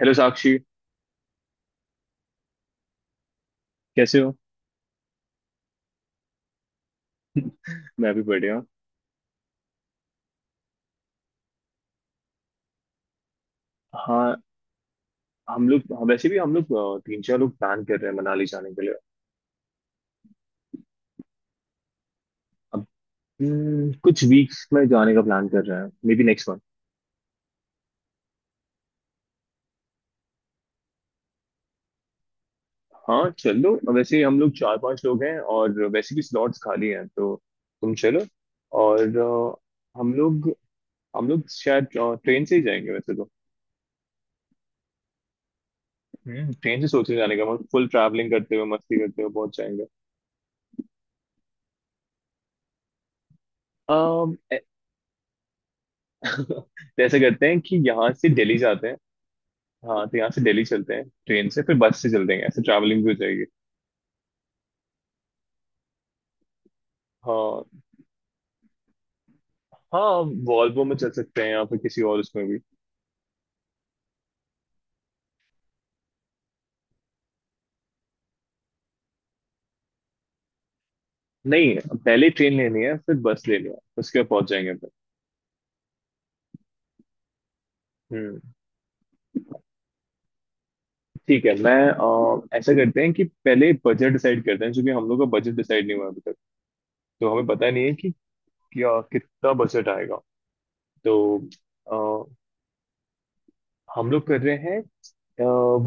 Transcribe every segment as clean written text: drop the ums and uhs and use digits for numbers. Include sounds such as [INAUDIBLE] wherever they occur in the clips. Hello Sakshi, कैसे हो? [LAUGHS] मैं भी बढ़िया हूँ। हाँ, हम लोग हाँ, वैसे भी हम लोग तीन चार लोग प्लान कर रहे हैं मनाली जाने के लिए। अब कुछ वीक्स में जाने का प्लान कर रहे हैं, मे बी नेक्स्ट मंथ। हाँ चलो, वैसे हम लोग चार पांच लोग हैं और वैसे भी स्लॉट्स खाली हैं, तो तुम चलो। और हम लोग शायद ट्रेन से ही जाएंगे वैसे तो। ट्रेन से सोच रहे हैं जाने का, मतलब फुल ट्रैवलिंग करते हुए, मस्ती करते हुए पहुंच जाएंगे। [LAUGHS] तो ऐसा करते हैं कि यहाँ से दिल्ली जाते हैं। हाँ तो यहाँ से दिल्ली चलते हैं ट्रेन से, फिर बस से चलते हैं, ऐसे ट्रैवलिंग भी हो जाएगी। हाँ, हाँ, वॉल्वो में चल सकते हैं या फिर किसी और उसमें भी। नहीं, पहले ट्रेन लेनी है फिर बस लेनी है, उसके बाद पहुंच जाएंगे फिर। हम्म, ठीक है। मैं ऐसा करते हैं कि पहले बजट डिसाइड करते हैं, क्योंकि हम लोग का बजट डिसाइड नहीं हुआ है अभी तक। तो हमें पता नहीं है कि क्या कितना बजट आएगा। तो अ, हम लोग कर रहे हैं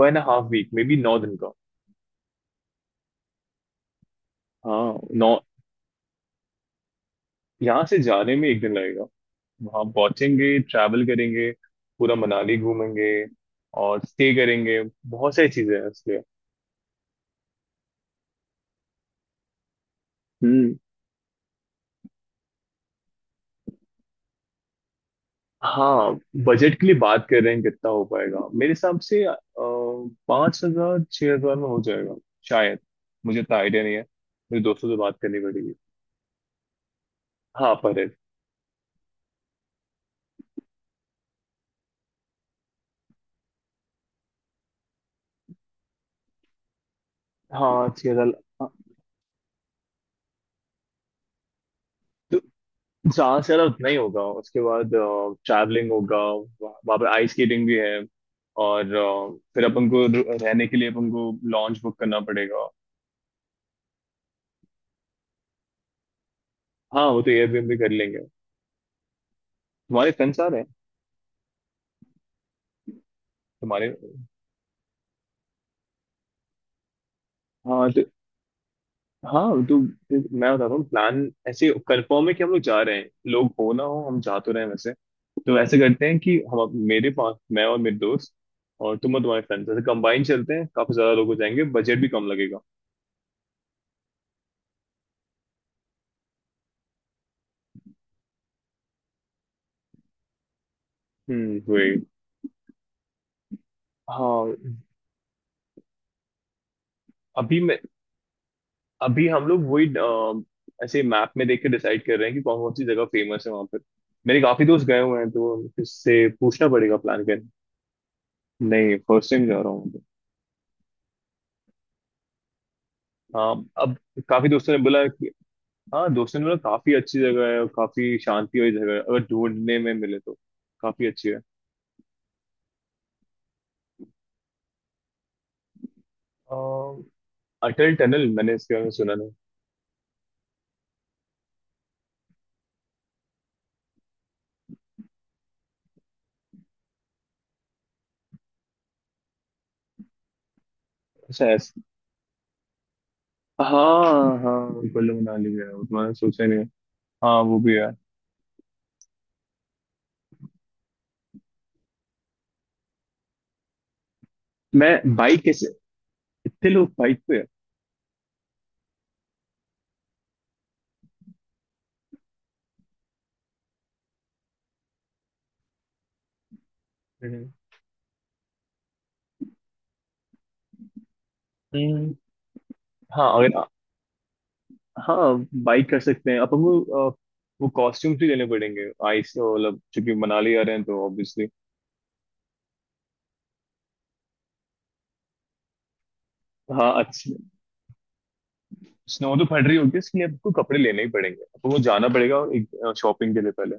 वन हाफ वीक में भी 9 दिन का। हाँ, नौ। यहाँ से जाने में एक दिन लगेगा, वहाँ पहुंचेंगे, ट्रैवल करेंगे, पूरा मनाली घूमेंगे और स्टे करेंगे, बहुत सारी चीजें हैं इसलिए। हम्म। हाँ, बजट के लिए बात कर रहे हैं कितना हो पाएगा, मेरे हिसाब से 5,000 6,000 में हो जाएगा शायद, मुझे इतना आइडिया नहीं है, मेरे दोस्तों से बात करनी पड़ेगी। हाँ, पर head। हाँ, 6,000। हाँ, तो जहाँ से ज्यादा उतना ही होगा, उसके बाद ट्रैवलिंग होगा। वहाँ पे आइस स्केटिंग भी है। और फिर अपन को रहने के लिए अपन को लॉन्च बुक करना पड़ेगा। हाँ, वो तो एयरबीएनबी कर लेंगे। तुम्हारे फ्रेंड्स आ रहे हैं? तुम्हारे। हाँ तो हाँ तो फिर मैं बता रहा हूँ प्लान, ऐसे कंफर्म है कि हम लोग जा रहे हैं, लोग हो ना हो हम जा तो रहे हैं वैसे। तो ऐसे करते हैं कि हम, मेरे पास मैं और मेरे दोस्त, और तुम और तुम्हारे फ्रेंड्स, ऐसे कंबाइन चलते हैं, काफी ज्यादा लोग हो जाएंगे, बजट भी कम लगेगा। हम्म, वही। हाँ, अभी मैं अभी हम लोग वही, ऐसे मैप में देख के डिसाइड कर रहे हैं कि कौन कौन सी जगह फेमस है वहां पर। मेरे काफी दोस्त गए हुए हैं, तो इससे पूछना पड़ेगा प्लान करने। नहीं, फर्स्ट टाइम जा रहा हूँ तो। हाँ अब। काफी दोस्तों ने बोला कि हाँ, दोस्तों ने बोला काफी अच्छी जगह है और काफी शांति वाली जगह है, अगर ढूंढने में मिले तो काफी अच्छी है। अ, अटल टनल, मैंने इसके बारे में सुना नहीं। अच्छा, ऐसा। हाँ, हाँ, कुल्लू मनाली भी है, उतना मैंने सोचा ही नहीं है। हाँ, वो भी है। मैं बाइक कैसे? इतने लोग बाइक पे? है। हम्म, हाँ अगर। हाँ, बाइक कर सकते हैं अब हम लोग, अ, वो कॉस्ट्यूम्स भी लेने पड़ेंगे आइस, मतलब चूंकि मनाली आ रहे हैं तो ऑब्वियसली। हाँ, अच्छी। स्नो तो पड़ रही होगी, इसके लिए आपको कपड़े लेने ही पड़ेंगे, आपको वो जाना पड़ेगा एक शॉपिंग के लिए पहले।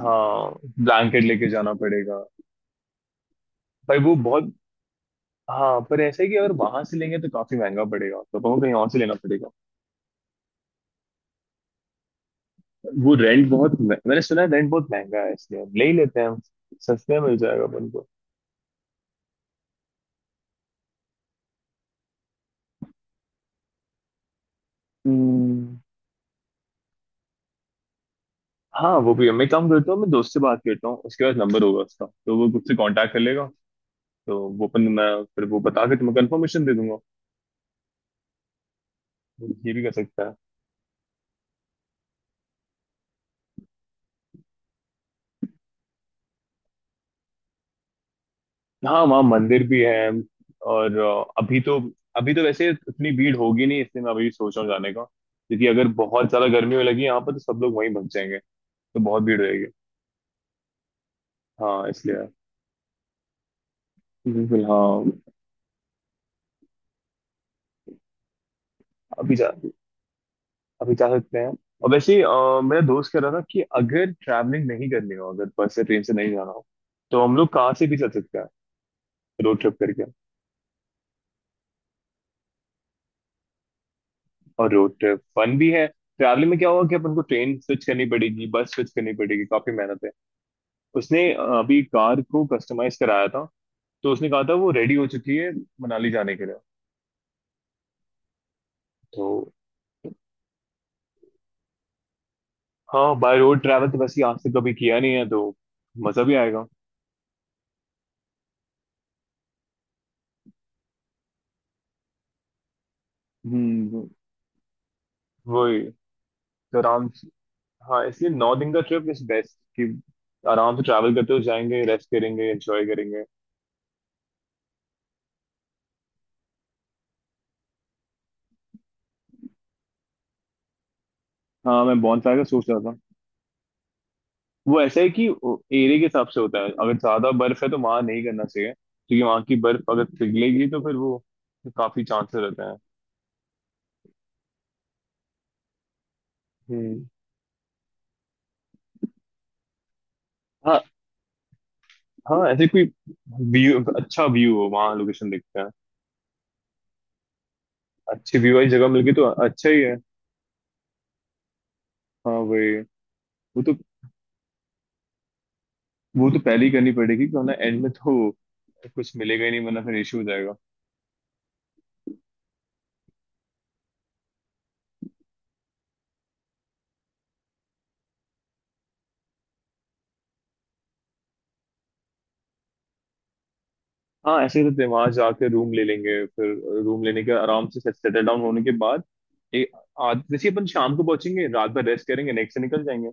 हाँ, ब्लैंकेट लेके जाना पड़ेगा। पर वो बहुत। हाँ, पर ऐसा है कि अगर वहां से लेंगे तो काफी महंगा पड़ेगा, तो हमको कहीं और से लेना पड़ेगा। वो रेंट बहुत, मैंने सुना है रेंट बहुत महंगा है, इसलिए हम ले ही लेते हैं, हम सस्ते में मिल जाएगा अपन को। हाँ, वो भी है। मैं काम करता हूँ, मैं दोस्त से बात करता हूँ, उसके पास नंबर होगा उसका, तो वो खुद से कांटेक्ट कर लेगा। तो वो अपन, मैं फिर वो बता के तुम्हें कंफर्मेशन दे दूंगा। ये भी कर सकता है। हाँ, वहाँ मंदिर भी है। और अभी तो वैसे इतनी भीड़ होगी नहीं, इसलिए मैं अभी सोच रहा हूँ जाने का, क्योंकि अगर बहुत ज्यादा गर्मी होने लगी यहाँ पर तो सब लोग वहीं भग जाएंगे, तो बहुत भीड़ रहेगी। हाँ, इसलिए। बिल्कुल हाँ। अभी जा अभी जा सकते हैं। और वैसे ही, मेरा दोस्त कह रहा था कि अगर ट्रैवलिंग नहीं करनी हो, अगर बस से ट्रेन से नहीं जाना हो, तो हम लोग कार से भी चल सकते हैं, रोड ट्रिप करके। और रोड ट्रिप फन भी है। ट्रैवलिंग में क्या होगा कि अपन को ट्रेन स्विच करनी पड़ेगी, बस स्विच करनी पड़ेगी, काफी मेहनत है। उसने अभी कार को कस्टमाइज कराया था, तो उसने कहा था वो रेडी हो चुकी है मनाली जाने के लिए। तो हाँ, बाय रोड ट्रैवल तो वैसे ही आज तक कभी किया नहीं है, तो मजा भी आएगा। हम्म, वही तो आराम। हाँ, इसलिए 9 दिन का ट्रिप इज बेस्ट, कि आराम से ट्रैवल करते हुए जाएंगे, रेस्ट करेंगे, एंजॉय करेंगे। हाँ, मैं बॉनसाई का सोच रहा था। वो ऐसा है कि एरिया के हिसाब से होता है, अगर ज्यादा बर्फ है तो वहां नहीं करना चाहिए, क्योंकि वहां की बर्फ अगर पिघलेगी तो फिर वो काफी चांसेस रहते हैं। हम्म। हाँ, हाँ, ऐसे कोई व्यू अच्छा व्यू हो, वहाँ लोकेशन देखते हैं। अच्छी व्यू वाली जगह मिल गई तो अच्छा ही है। हाँ, वही। वो तो वो तो पहले ही करनी पड़ेगी, क्योंकि एंड में तो कुछ मिलेगा ही नहीं, वरना फिर इशू हो जाएगा। हाँ, ऐसे ही करते हैं, वहां जाके रूम ले लेंगे फिर, रूम लेने के आराम से सेटल डाउन होने के बाद एक, आज जैसे ही अपन शाम को पहुंचेंगे, रात भर रेस्ट करेंगे, नेक्स्ट से निकल जाएंगे।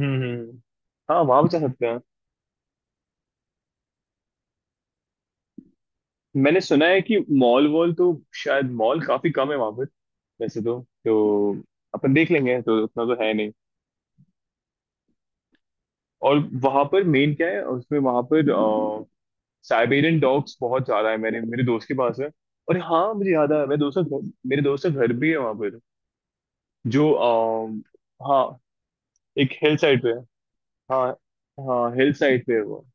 हम्म। हम्म। हाँ, वहां बचा सकते हैं। मैंने सुना है कि मॉल वॉल तो शायद मॉल काफी कम है वहां पर, वैसे तो अपन देख लेंगे, तो उतना तो है नहीं। और वहां पर मेन क्या है उसमें, वहां पर साइबेरियन डॉग्स बहुत ज्यादा है, मेरे मेरे दोस्त के पास है। और हाँ, मुझे याद आया, मेरे दोस्त का घर भी है वहां, जो आ, हाँ, एक हिल साइड पे है। हाँ, हाँ, हिल साइड पे है वो।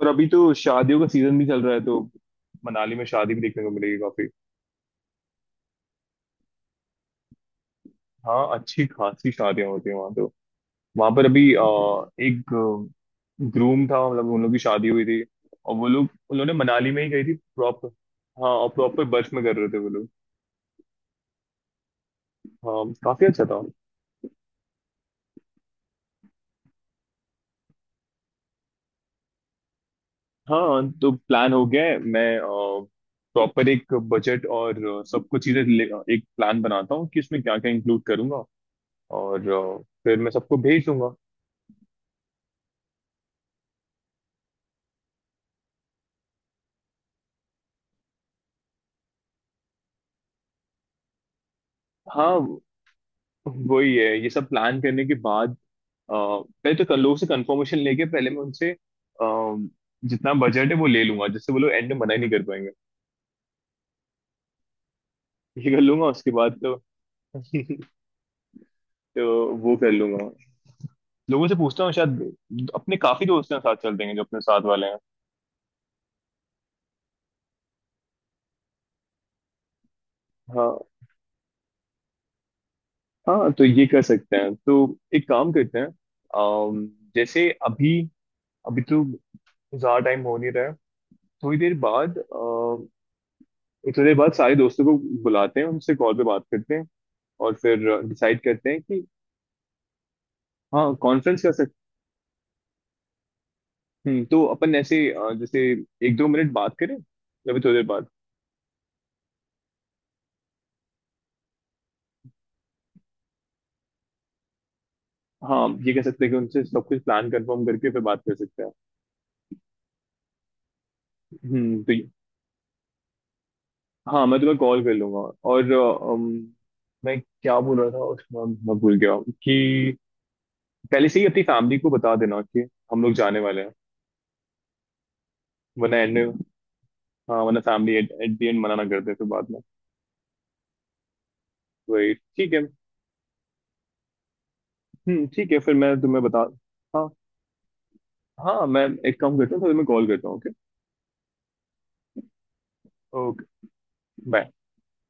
और अभी तो शादियों का सीजन भी चल रहा है, तो मनाली में शादी भी देखने को मिलेगी काफी। हाँ, अच्छी खासी शादियां होती हैं वहां तो। वहां पर अभी एक ग्रूम था, मतलब उन लोग की शादी हुई थी, और वो लोग, उन्होंने मनाली में ही गई थी प्रॉपर। हाँ, और प्रॉपर बर्फ में कर रहे थे वो लोग। हाँ, काफी अच्छा था। हाँ, तो प्लान हो गया है, मैं प्रॉपर एक बजट और सब कुछ चीजें एक प्लान बनाता हूँ कि इसमें क्या क्या इंक्लूड करूंगा, और फिर मैं सबको भेज दूंगा। हाँ वही है, ये सब प्लान करने के बाद, पहले तो कल लोगों से कंफर्मेशन लेके, पहले मैं उनसे जितना बजट है वो ले लूंगा, जिससे वो लोग एंड में मना ही नहीं कर पाएंगे। ये कर लूंगा उसके बाद तो। [LAUGHS] तो वो कर लूंगा, लोगों से पूछता हूँ, शायद अपने काफी दोस्त हैं साथ चल देंगे जो अपने साथ वाले हैं। हाँ, हाँ तो ये कर सकते हैं, तो एक काम करते हैं। अम, जैसे अभी, अभी तो ज्यादा टाइम हो नहीं रहा है, थोड़ी देर बाद, थोड़ी देर बाद सारे दोस्तों को बुलाते हैं, उनसे कॉल पे बात करते हैं, और फिर डिसाइड करते हैं कि। हाँ, कॉन्फ्रेंस कर सकते हैं। तो अपन ऐसे जैसे एक दो मिनट बात करें या फिर थोड़ी देर बाद। हाँ, ये कह सकते हैं कि उनसे सब कुछ प्लान कंफर्म करके फिर बात कर सकते हैं। हम्म। तो हाँ, मैं तुम्हें कॉल कर लूंगा। और मैं क्या बोल रहा था उसमें, मैं भूल गया, कि पहले से ही अपनी फैमिली को बता देना कि हम लोग जाने वाले हैं, वरना एंड में। हाँ, वरना फैमिली एट दी एंड मना ना कर दे फिर बाद में, वही ठीक है। हम्म, ठीक है फिर मैं तुम्हें बता। हाँ, हाँ, मैं एक काम करता हूँ फिर मैं कॉल करता हूँ। ओके। Okay, bye.